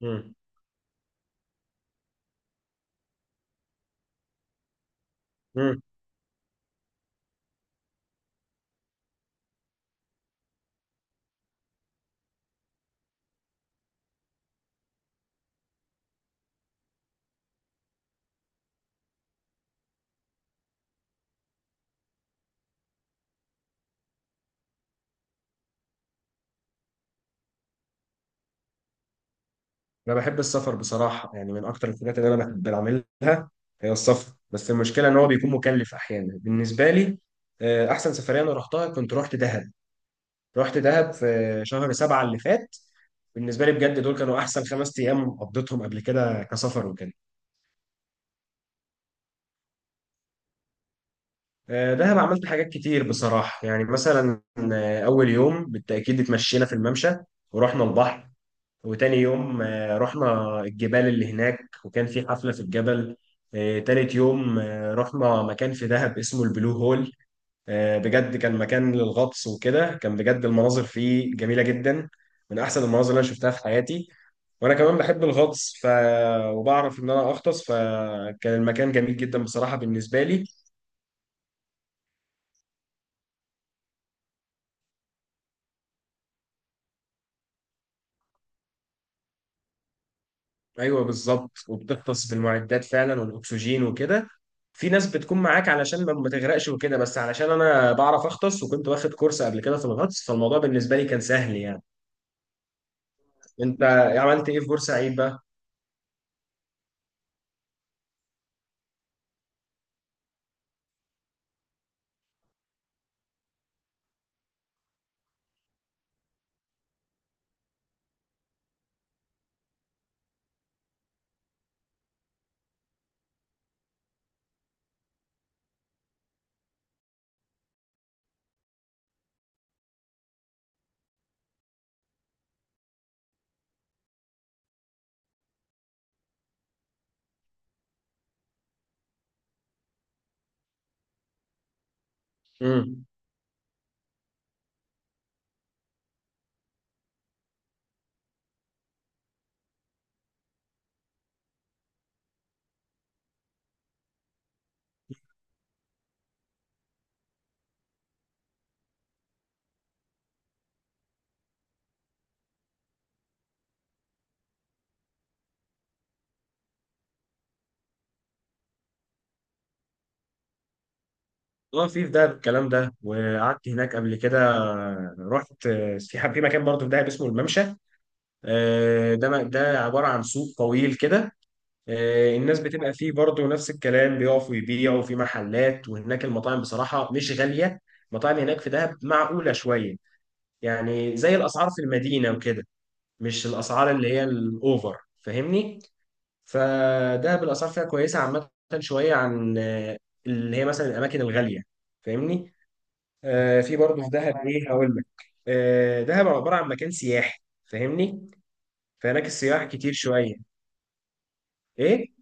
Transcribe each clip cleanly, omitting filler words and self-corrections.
مم. مم. انا بحب السفر بصراحه، يعني من اكتر الحاجات اللي انا بحب اعملها هي السفر، بس المشكله ان هو بيكون مكلف احيانا بالنسبه لي. احسن سفريه انا رحتها كنت رحت دهب. رحت دهب في شهر سبعة اللي فات. بالنسبه لي بجد دول كانوا احسن 5 ايام قضيتهم قبل كده كسفر وكده. دهب عملت حاجات كتير بصراحه، يعني مثلا اول يوم بالتاكيد اتمشينا في الممشى ورحنا البحر. وتاني يوم رحنا الجبال اللي هناك وكان في حفلة في الجبل. تالت يوم رحنا مكان في دهب اسمه البلو هول. بجد كان مكان للغطس وكده، كان بجد المناظر فيه جميلة جدا. من أحسن المناظر اللي أنا شفتها في حياتي، وأنا كمان بحب الغطس وبعرف إن أنا أغطس، فكان المكان جميل جدا بصراحة بالنسبة لي. ايوه بالظبط، وبتغطس بالمعدات فعلا والاكسجين وكده. في ناس بتكون معاك علشان ما تغرقش وكده، بس علشان انا بعرف اغطس وكنت واخد كورس قبل كده في الغطس، فالموضوع بالنسبه لي كان سهل يعني. انت عملت ايه في بورسعيد بقى؟ امم. اه، في دهب الكلام ده. وقعدت هناك قبل كده، رحت في مكان برضه في دهب اسمه الممشى. ده عباره عن سوق طويل كده. الناس بتبقى فيه برضه نفس الكلام، بيقفوا يبيعوا في محلات، وهناك المطاعم بصراحة مش غالية. المطاعم هناك في دهب معقولة شوية، يعني زي الأسعار في المدينة وكده، مش الأسعار اللي هي الأوفر، فاهمني. فدهب الأسعار فيها كويسة عامة، شوية عن اللي هي مثلا الأماكن الغالية، فاهمني. في برضه في دهب إيه هقول لك. دهب عبارة عن مكان سياحي، فاهمني. فهناك السياح كتير شوية. إيه.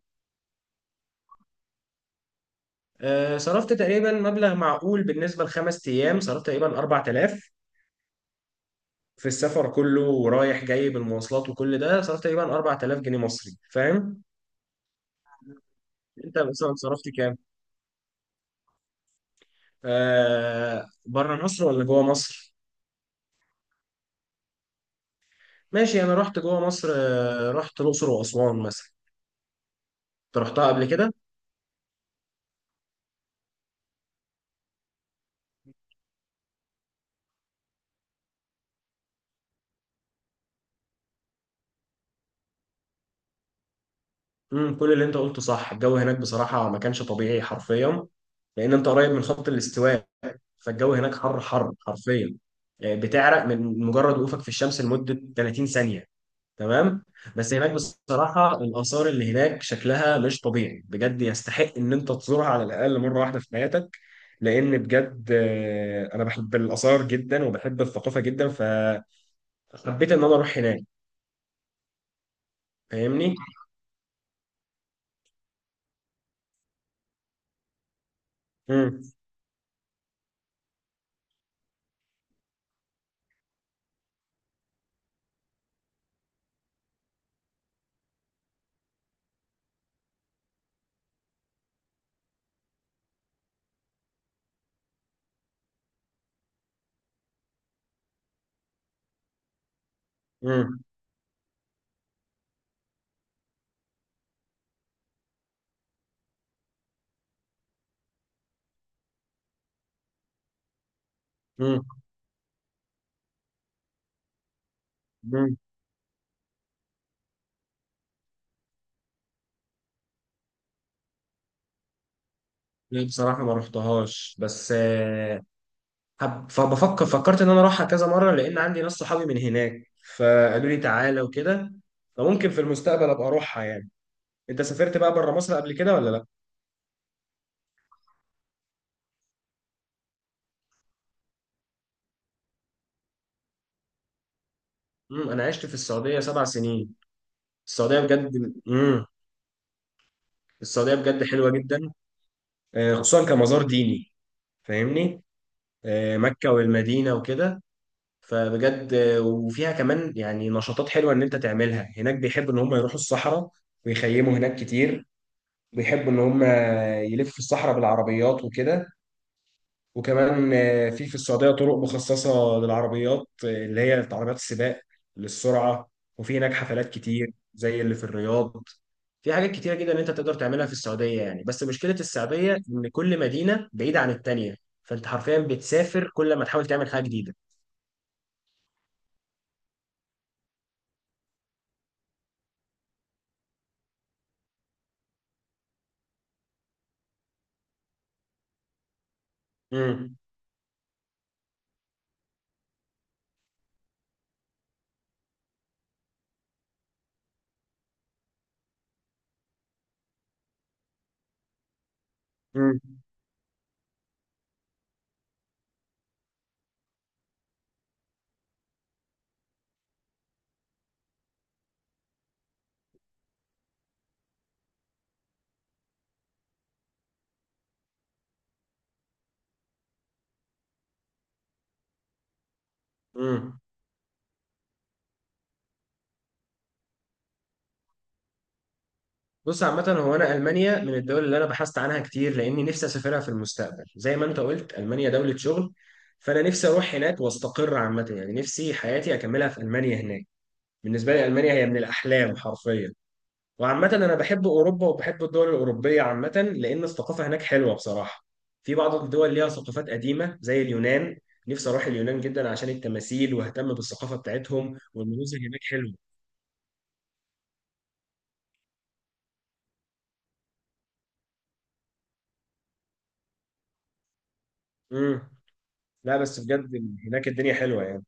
صرفت تقريبا مبلغ معقول بالنسبة لخمس أيام، صرفت تقريبا 4000 في السفر كله، ورايح جاي بالمواصلات وكل ده صرفت تقريبا 4000 جنيه مصري، فاهم؟ أنت مثلا صرفت كام؟ بره مصر ولا جوه مصر؟ ماشي، أنا رحت جوه مصر. رحت الأقصر وأسوان مثلا. أنت رحتها قبل كده؟ كل اللي أنت قلته صح. الجو هناك بصراحة ما كانش طبيعي حرفيا، لأن أنت قريب من خط الاستواء، فالجو هناك حر حر حرفيا. يعني بتعرق من مجرد وقوفك في الشمس لمدة 30 ثانية، تمام. بس هناك بصراحة الآثار اللي هناك شكلها مش طبيعي بجد، يستحق إن أنت تزورها على الأقل مرة واحدة في حياتك، لأن بجد أنا بحب الآثار جدا وبحب الثقافة جدا، فحبيت إن أنا أروح هناك، فاهمني؟ مم. مم. مم. مم. لا بصراحة ما رحتهاش، بس آه، حب- فبفكر فكرت ان انا اروحها كذا مره، لان عندي ناس صحابي من هناك فقالوا لي تعالى وكده، فممكن في المستقبل ابقى اروحها يعني. انت سافرت بقى بره مصر قبل كده ولا لا؟ انا عشت في السعوديه 7 سنين. السعوديه بجد. السعوديه بجد حلوه جدا. خصوصا كمزار ديني، فاهمني. مكه والمدينه وكده. فبجد وفيها كمان يعني نشاطات حلوه ان انت تعملها هناك. بيحبوا ان هم يروحوا الصحراء ويخيموا هناك كتير. بيحبوا ان هم يلفوا الصحراء بالعربيات وكده. وكمان في السعودية طرق مخصصة للعربيات، اللي هي عربيات السباق للسرعة. وفي هناك حفلات كتير زي اللي في الرياض. في حاجات كتيرة جدا انت تقدر تعملها في السعودية يعني، بس مشكلة السعودية ان كل مدينة بعيدة عن التانية. فانت حرفيا بتسافر كل ما تحاول تعمل حاجة جديدة. امم. امم بص، عامة هو أنا ألمانيا من الدول اللي أنا بحثت عنها كتير، لأني نفسي أسافرها في المستقبل زي ما أنت قلت، ألمانيا دولة شغل، فأنا نفسي أروح هناك وأستقر عامة، يعني نفسي حياتي أكملها في ألمانيا هناك. بالنسبة لي ألمانيا هي من الأحلام حرفيا. وعامة أنا بحب أوروبا وبحب الدول الأوروبية عامة، لأن الثقافة هناك حلوة بصراحة. في بعض الدول ليها ثقافات قديمة زي اليونان، نفسي أروح اليونان جدا عشان التماثيل، وأهتم بالثقافة بتاعتهم، والمناظر هناك حلوة. مم. لا بس بجد هناك الدنيا حلوة يعني.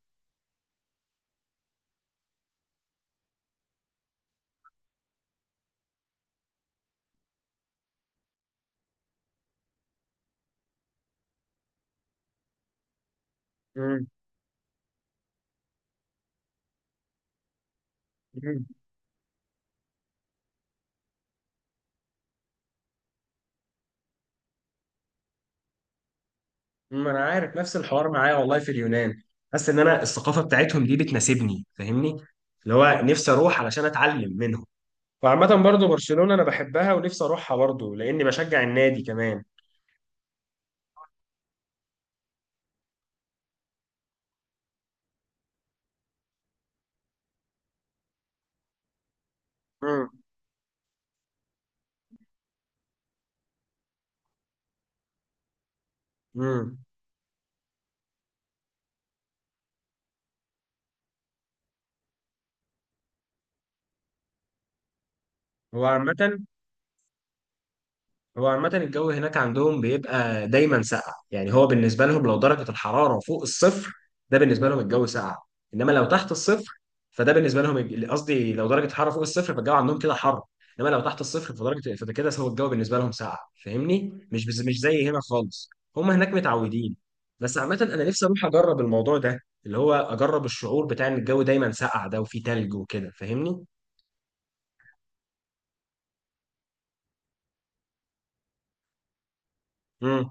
مم. ما انا عارف، نفس الحوار معايا والله في اليونان. حاسس ان انا الثقافه بتاعتهم دي بتناسبني، فاهمني. اللي هو نفسي اروح علشان اتعلم منهم. وعامه برضو برشلونه انا بحبها ونفسي اروحها برضو لاني بشجع النادي كمان. امم. امم هو عامه هو عامة الجو هناك عندهم بيبقى دايما ساقع، يعني هو بالنسبة لهم لو درجة الحرارة فوق الصفر، ده بالنسبة لهم الجو ساقع. إنما لو تحت الصفر، فده بالنسبة لهم قصدي لو درجة الحرارة فوق الصفر فالجو عندهم كده حر. إنما لو تحت الصفر فده كده هو الجو بالنسبة لهم ساقع، فاهمني؟ مش زي هنا خالص. هم هناك متعودين. بس عامة أنا نفسي أروح أجرب الموضوع ده، اللي هو أجرب الشعور بتاع إن الجو دايما ساقع ده وفيه تلج وكده، فاهمني؟ امم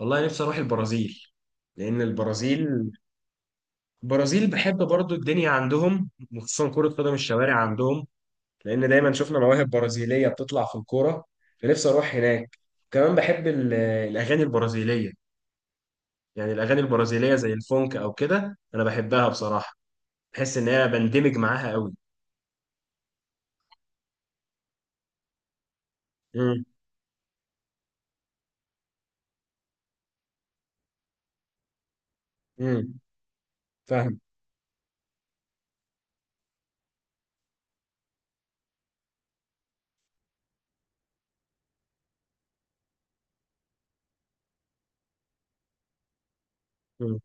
والله نفسي أروح البرازيل. لأن البرازيل بحب برضو الدنيا عندهم، وخصوصا كرة قدم الشوارع عندهم، لأن دايما شفنا مواهب برازيلية بتطلع في الكورة، فنفسي أروح هناك. كمان بحب الأغاني البرازيلية. يعني الأغاني البرازيلية زي الفونك أو كده أنا بحبها بصراحة، بحس إن أنا بندمج معاها قوي. امم. امم. فاهم. مم.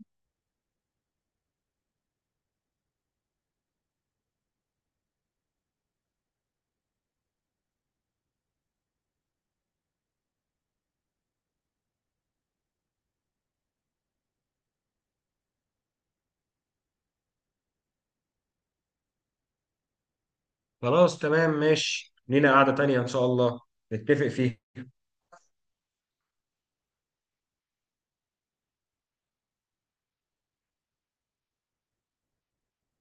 خلاص تمام ماشي، لينا قعدة تانية إن شاء الله نتفق فيها.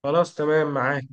خلاص تمام معاك.